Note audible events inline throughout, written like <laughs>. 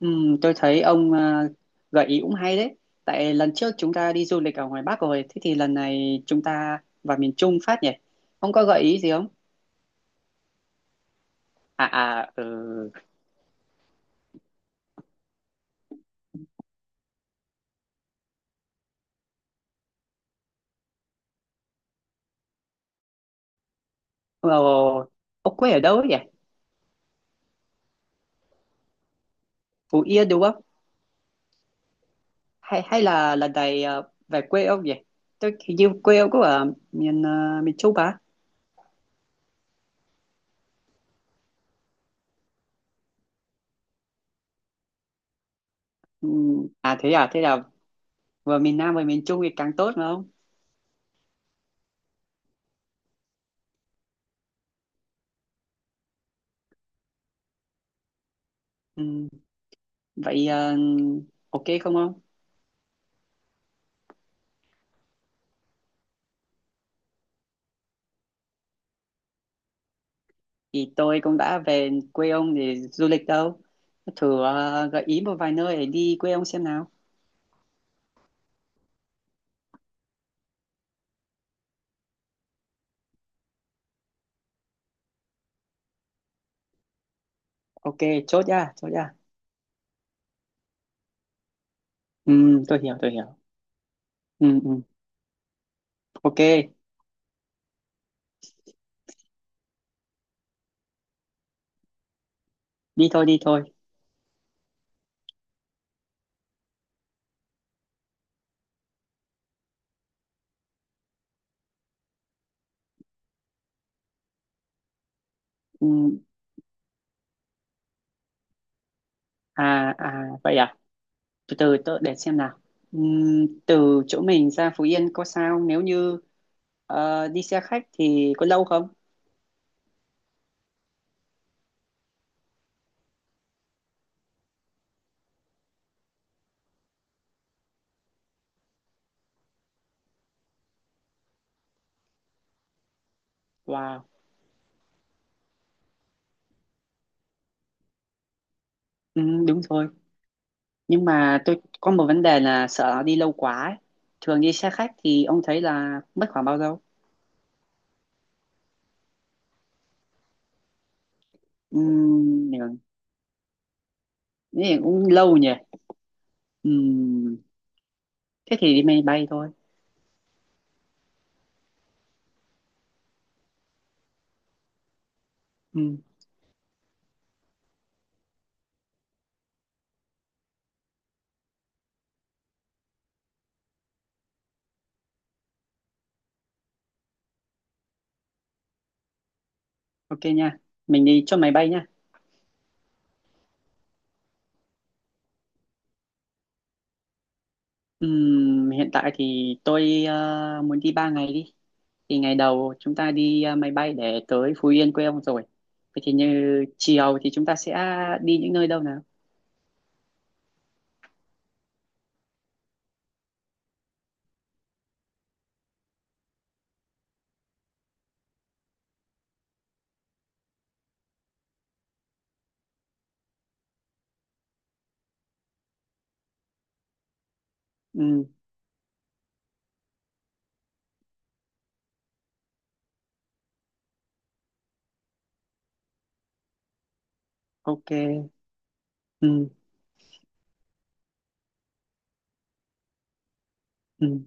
Tôi thấy ông à, gợi ý cũng hay đấy. Tại lần trước chúng ta đi du lịch ở ngoài Bắc rồi, thế thì lần này chúng ta vào miền Trung phát nhỉ? Ông có gợi ý gì không? À à, ừ. Ồ, ông quê ở đâu ấy nhỉ? Phú Yên đúng không? Hay hay là lần này về quê ông nhỉ? Tôi hình như quê ông có ở miền Trung à? Thế là vừa miền Nam vừa miền Trung thì càng tốt mà không? Ừm, Vậy à, ok không ông? Thì tôi cũng đã về quê ông để du lịch đâu. Thử gợi ý một vài nơi để đi quê ông xem nào. Ok. Chốt nha chốt nha. Ừ, tôi hiểu tôi hiểu. Ừ, ừ. Ok. Đi thôi đi thôi. Ừ, à à vậy à. Từ từ tôi để xem nào. Ừ, từ chỗ mình ra Phú Yên có sao nếu như đi xe khách thì có lâu không? Wow. Ừ, đúng rồi. Nhưng mà tôi có một vấn đề là sợ nó đi lâu quá ấy. Thường đi xe khách thì ông thấy là mất khoảng bao lâu? Ừ, nếu- nếu cũng lâu nhỉ. Ừ, thế thì đi máy bay thôi. Ừ, ok nha. Mình đi chốt máy bay nha. Hiện tại thì tôi muốn đi 3 ngày đi. Thì ngày đầu chúng ta đi máy bay để tới Phú Yên quê ông rồi. Vậy thì như chiều thì chúng ta sẽ đi những nơi đâu nào? Ừm, ok. Ừm, ừm,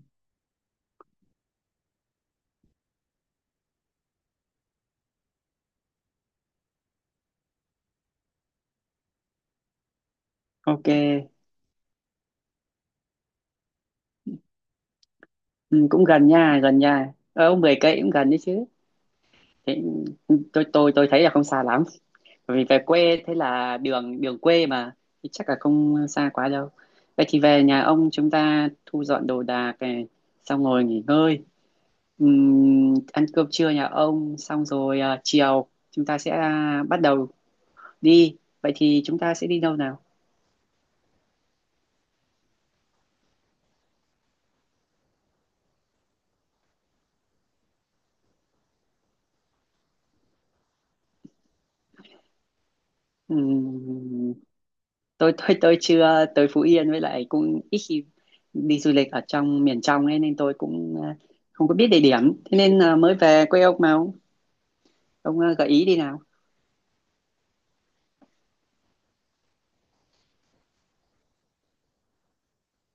ok. Cũng gần nha, gần nha. Ở 10 cây cũng gần đấy chứ. Thế tôi thấy là không xa lắm. Bởi vì về quê thế là đường đường quê mà thì chắc là không xa quá đâu. Vậy thì về nhà ông chúng ta thu dọn đồ đạc này, xong ngồi nghỉ ngơi, ăn cơm trưa nhà ông, xong rồi chiều chúng ta sẽ bắt đầu đi. Vậy thì chúng ta sẽ đi đâu nào? Ừm, tôi chưa tới Phú Yên với lại cũng ít khi đi du lịch ở trong miền trong ấy nên tôi cũng không có biết địa điểm. Thế nên là mới về quê ông mà ông gợi ý đi nào.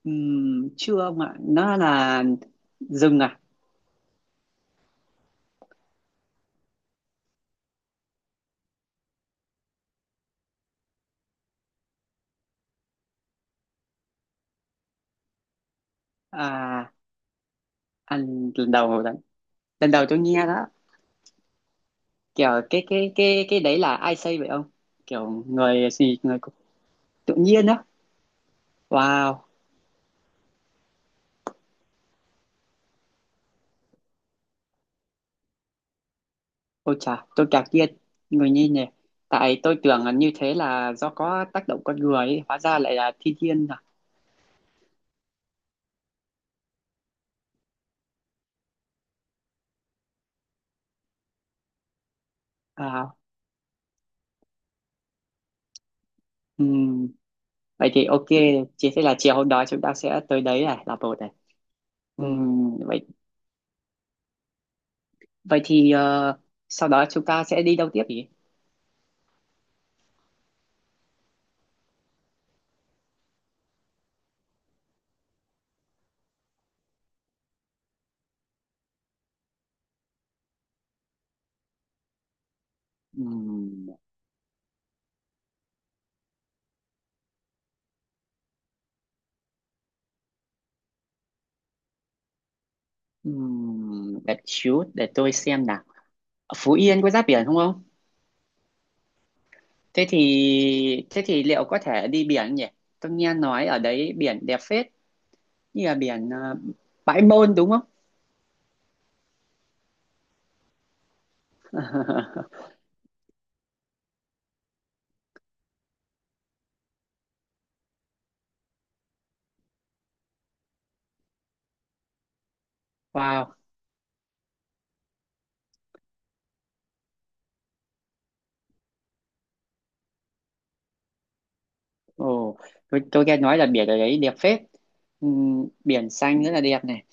Chưa ông ạ, nó là rừng à. À, anh lần đầu đấy. Lần đầu tôi nghe đó. Kiểu cái đấy là ai xây vậy ông? Kiểu người gì người cũng- tự nhiên đó. Wow. Ôi chà tôi ngạc nhiên. Người như nhỉ. Tại tôi tưởng là như thế là do có tác động con người ấy. Hóa ra lại là thiên nhiên à. à ừm, vậy thì ok. Chỉ thế là chiều hôm đó chúng ta sẽ tới đấy này là một này. Vậy vậy thì sau đó chúng ta sẽ đi đâu tiếp nhỉ? Ừm, Để xíu để tôi xem nào. Ở Phú Yên có giáp biển không không? Thế thì liệu có thể đi biển nhỉ? Tôi nghe nói ở đấy biển đẹp phết, như là biển Bãi Môn đúng không? <laughs> Wow, ồ, tôi nghe nói là biển ở đấy đẹp phết. Biển xanh rất là đẹp này.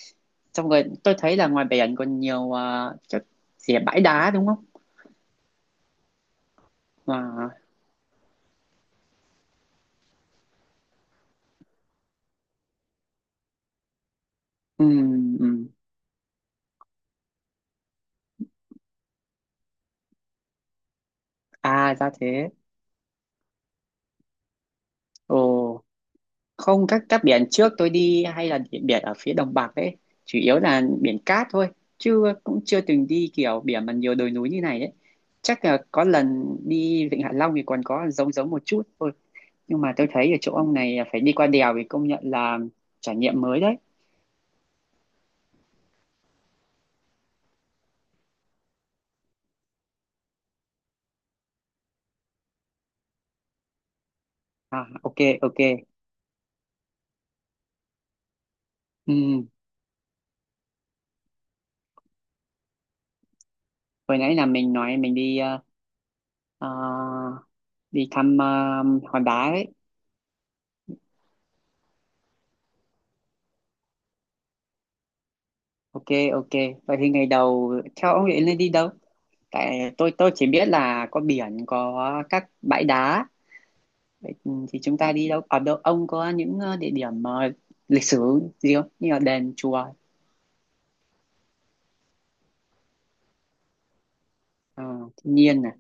Xong rồi tôi thấy là ngoài biển còn nhiều chỗ gì là bãi đá đúng không? Wow. Ừm, ừm. À ra thế. Ồ. Không, các biển trước tôi đi hay là biển ở phía đồng bằng ấy chủ yếu là biển cát thôi, chứ cũng chưa từng đi kiểu biển mà nhiều đồi núi như này đấy. Chắc là có lần đi Vịnh Hạ Long thì còn có giống giống một chút thôi. Nhưng mà tôi thấy ở chỗ ông này phải đi qua đèo thì công nhận là trải nghiệm mới đấy. À, ok ok. Ừ, hồi nãy là mình nói mình đi ờ, đi thăm hòn đá ấy. Ok. Ok, vậy thì ngày đầu theo ông định nên đi đâu? Tại tôi chỉ biết là có biển, có các bãi đá. Vậy thì chúng ta đi đâu ở đâu ông có những địa điểm lịch sử gì không như là đền chùa? Ờ, thiên nhiên này.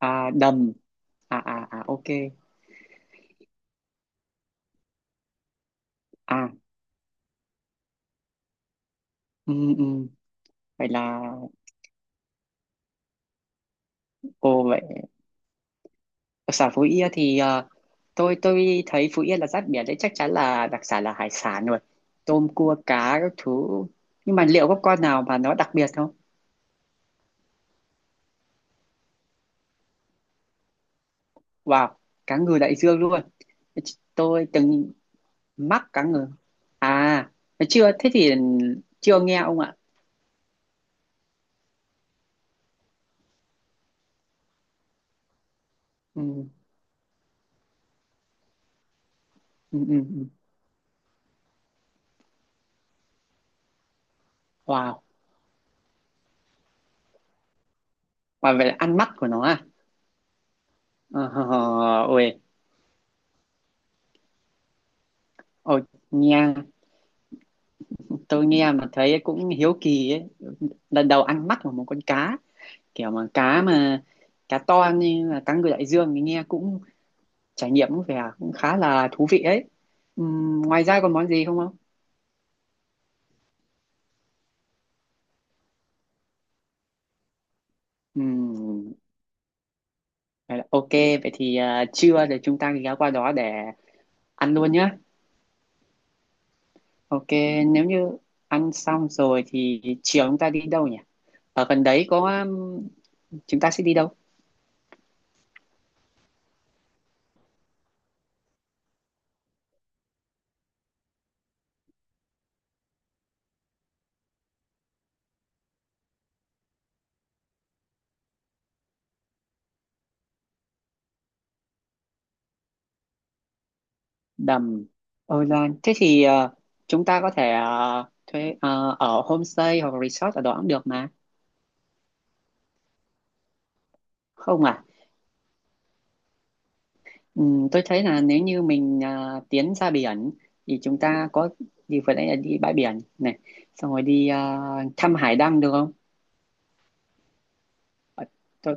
À, đầm. À à à, ok. À. Ừ, ừ. Vậy là ồ vậy. Đặc sản Phú Yên thì tôi thấy Phú Yên là giáp biển đấy, chắc chắn là đặc sản là hải sản rồi, tôm cua cá các thứ. Nhưng mà liệu có con nào mà nó đặc biệt không? Wow, cá ngừ đại dương luôn. Tôi từng mắc cá ngừ. À, chưa thế thì chưa nghe ông ạ. Ừ, ừ, ừ, ừ. Wow, và vậy là ăn mắt của nó à? Ờ, hờ, hờ, ôi, ôi nghe. Tôi nghe mà thấy cũng hiếu kỳ ấy. Lần đầu ăn mắt của một con cá. Kiểu mà cá to như là cá ngừ đại dương thì nghe cũng trải nghiệm cũng vẻ cũng khá là thú vị ấy. Ngoài ra còn món gì không không? Ừm, vậy là ok, vậy thì trưa thì chúng ta ghé qua đó để ăn luôn nhá. Ok, nếu như ăn xong rồi thì chiều chúng ta đi đâu nhỉ? Ở gần đấy có chúng ta sẽ đi đâu? Đầm, Ôi Loan. Thế thì chúng ta có thể thuê ở homestay hoặc resort ở đó cũng được mà. Không à? Tôi thấy là nếu như mình tiến ra biển thì chúng ta có đi vừa nãy là đi bãi biển này, xong rồi đi thăm hải đăng được không? Ờ, tôi,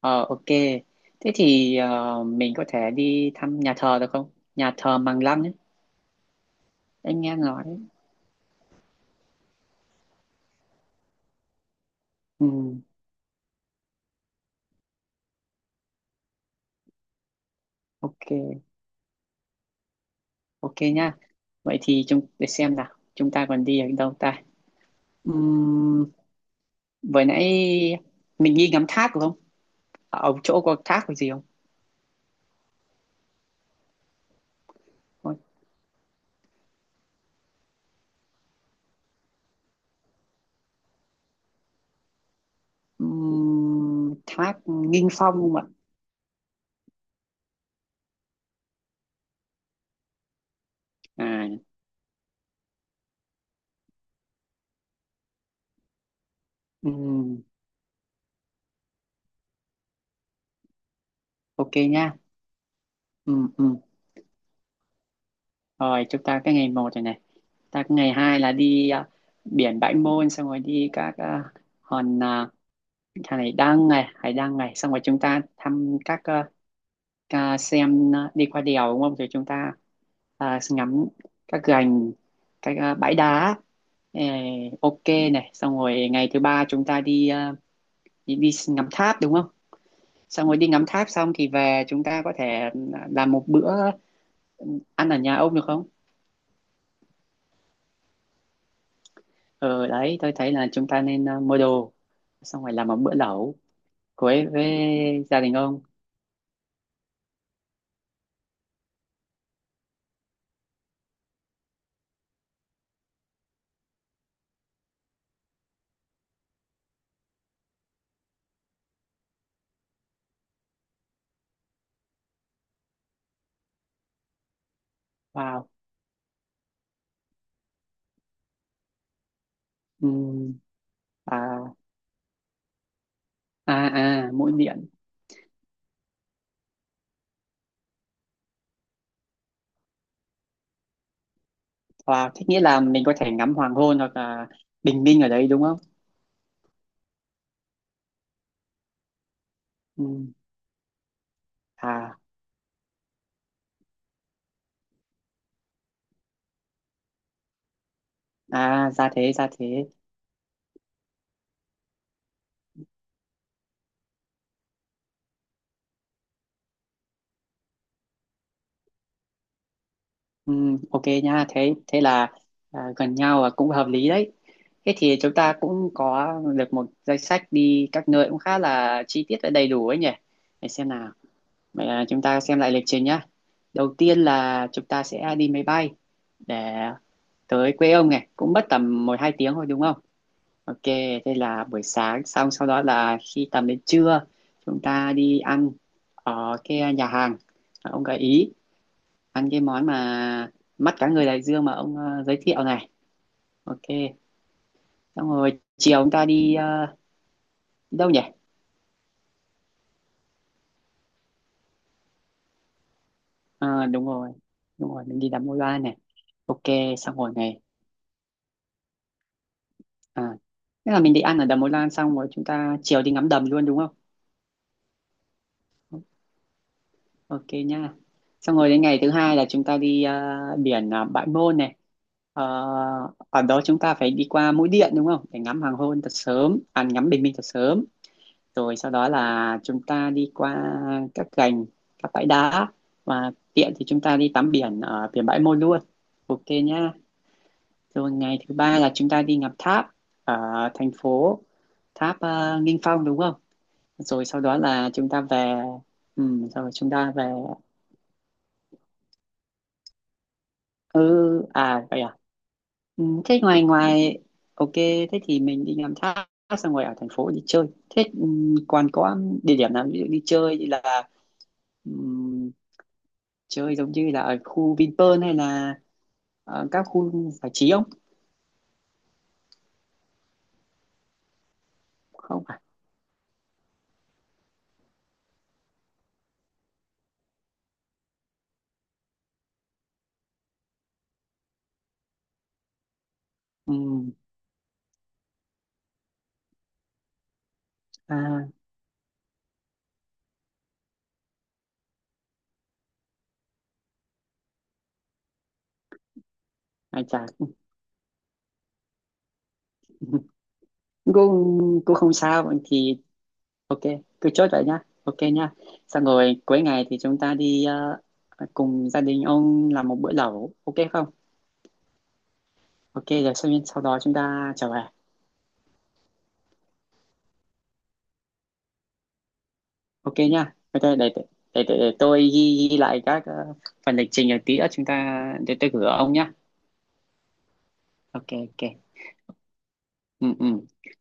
ờ, ok. Thế thì mình có thể đi thăm nhà thờ được không? Nhà thờ Măng Lăng ấy. Anh nghe em nói. Ừ, ok. Ok nha. Vậy thì chúng để xem nào, chúng ta còn đi ở đâu ta? Ừm, vừa nãy mình đi ngắm thác đúng không, ở chỗ có thác có gì không? Thôi, thác Nghinh Phong không ạ? à ừm, ok nha. Ừ, ừ. Rồi chúng ta cái ngày một rồi này. Ta cái ngày hai là đi biển Bãi Môn xong rồi đi các hòn thằng này đăng này, hải đăng này, xong rồi chúng ta thăm các xem đi qua đèo đúng không? Rồi chúng ta ngắm các gành, các bãi đá. Ê, ok này, xong rồi ngày thứ ba chúng ta đi đi ngắm tháp đúng không? Xong rồi đi ngắm tháp xong thì về chúng ta có thể làm một bữa ăn ở nhà ông được không? Ờ đấy, tôi thấy là chúng ta nên mua đồ xong rồi làm một bữa lẩu cuối với gia đình ông. Wow. Ừm, à à à mũi điện. Wow, thế nghĩa là mình có thể ngắm hoàng hôn hoặc là bình minh ở đấy đúng không? Ừm, à à ra thế ra thế. Ok nha, thế thế là gần nhau và cũng hợp lý đấy. Thế thì chúng ta cũng có được một danh sách đi các nơi cũng khá là chi tiết và đầy đủ ấy nhỉ. Để xem nào. Vậy là chúng ta xem lại lịch trình nhá. Đầu tiên là chúng ta sẽ đi máy bay để tới quê ông này, cũng mất tầm 1-2 tiếng thôi đúng không? Ok, thế là buổi sáng xong, sau đó là khi tầm đến trưa chúng ta đi ăn ở cái nhà hàng mà ông gợi ý, ăn cái món mà mắt cá ngừ đại dương mà ông giới thiệu này. Ok, xong rồi chiều chúng ta đi đi đâu nhỉ? Ờ, đúng rồi, đúng rồi, mình đi đắm môi Loan này. Ok, xong rồi này. À, tức là mình định ăn ở đầm Ô Lan xong rồi chúng ta chiều đi ngắm đầm luôn đúng không? Ok nha. Xong rồi đến ngày thứ hai là chúng ta đi biển Bãi Môn này. Ờ, ở đó chúng ta phải đi qua Mũi Điện đúng không? Để ngắm hoàng hôn thật sớm, à, ngắm bình minh thật sớm. Rồi sau đó là chúng ta đi qua các gành, các bãi đá và tiện thì chúng ta đi tắm biển ở biển Bãi Môn luôn. Ok nha. Rồi ngày thứ ba là chúng ta đi ngắm tháp ở thành phố, Tháp Nghinh Phong đúng không? Rồi sau đó là chúng ta về. Ừ, rồi chúng ta về. Ừ, à vậy à. Ừ, thế ngoài ngoài ok thế thì mình đi làm thác xong rồi ở thành phố đi chơi thế. Ừ, còn có địa điểm nào ví dụ đi chơi như là, ừ, chơi giống như là ở khu Vinpearl hay là ở các khu giải trí không? Không phải. Ừ, à. Ai chả. <laughs> cũng cũng không sao thì ok, cứ chốt vậy nhá, ok nhá. Xong rồi cuối ngày thì chúng ta đi cùng gia đình ông làm một bữa lẩu ok không? Ok Rồi sau đó chúng ta trở về. Ok nhá, ok để tôi ghi lại các phần lịch trình rồi tí nữa chúng ta, để tôi gửi ông nhá. Ok ok. Ừ ừ.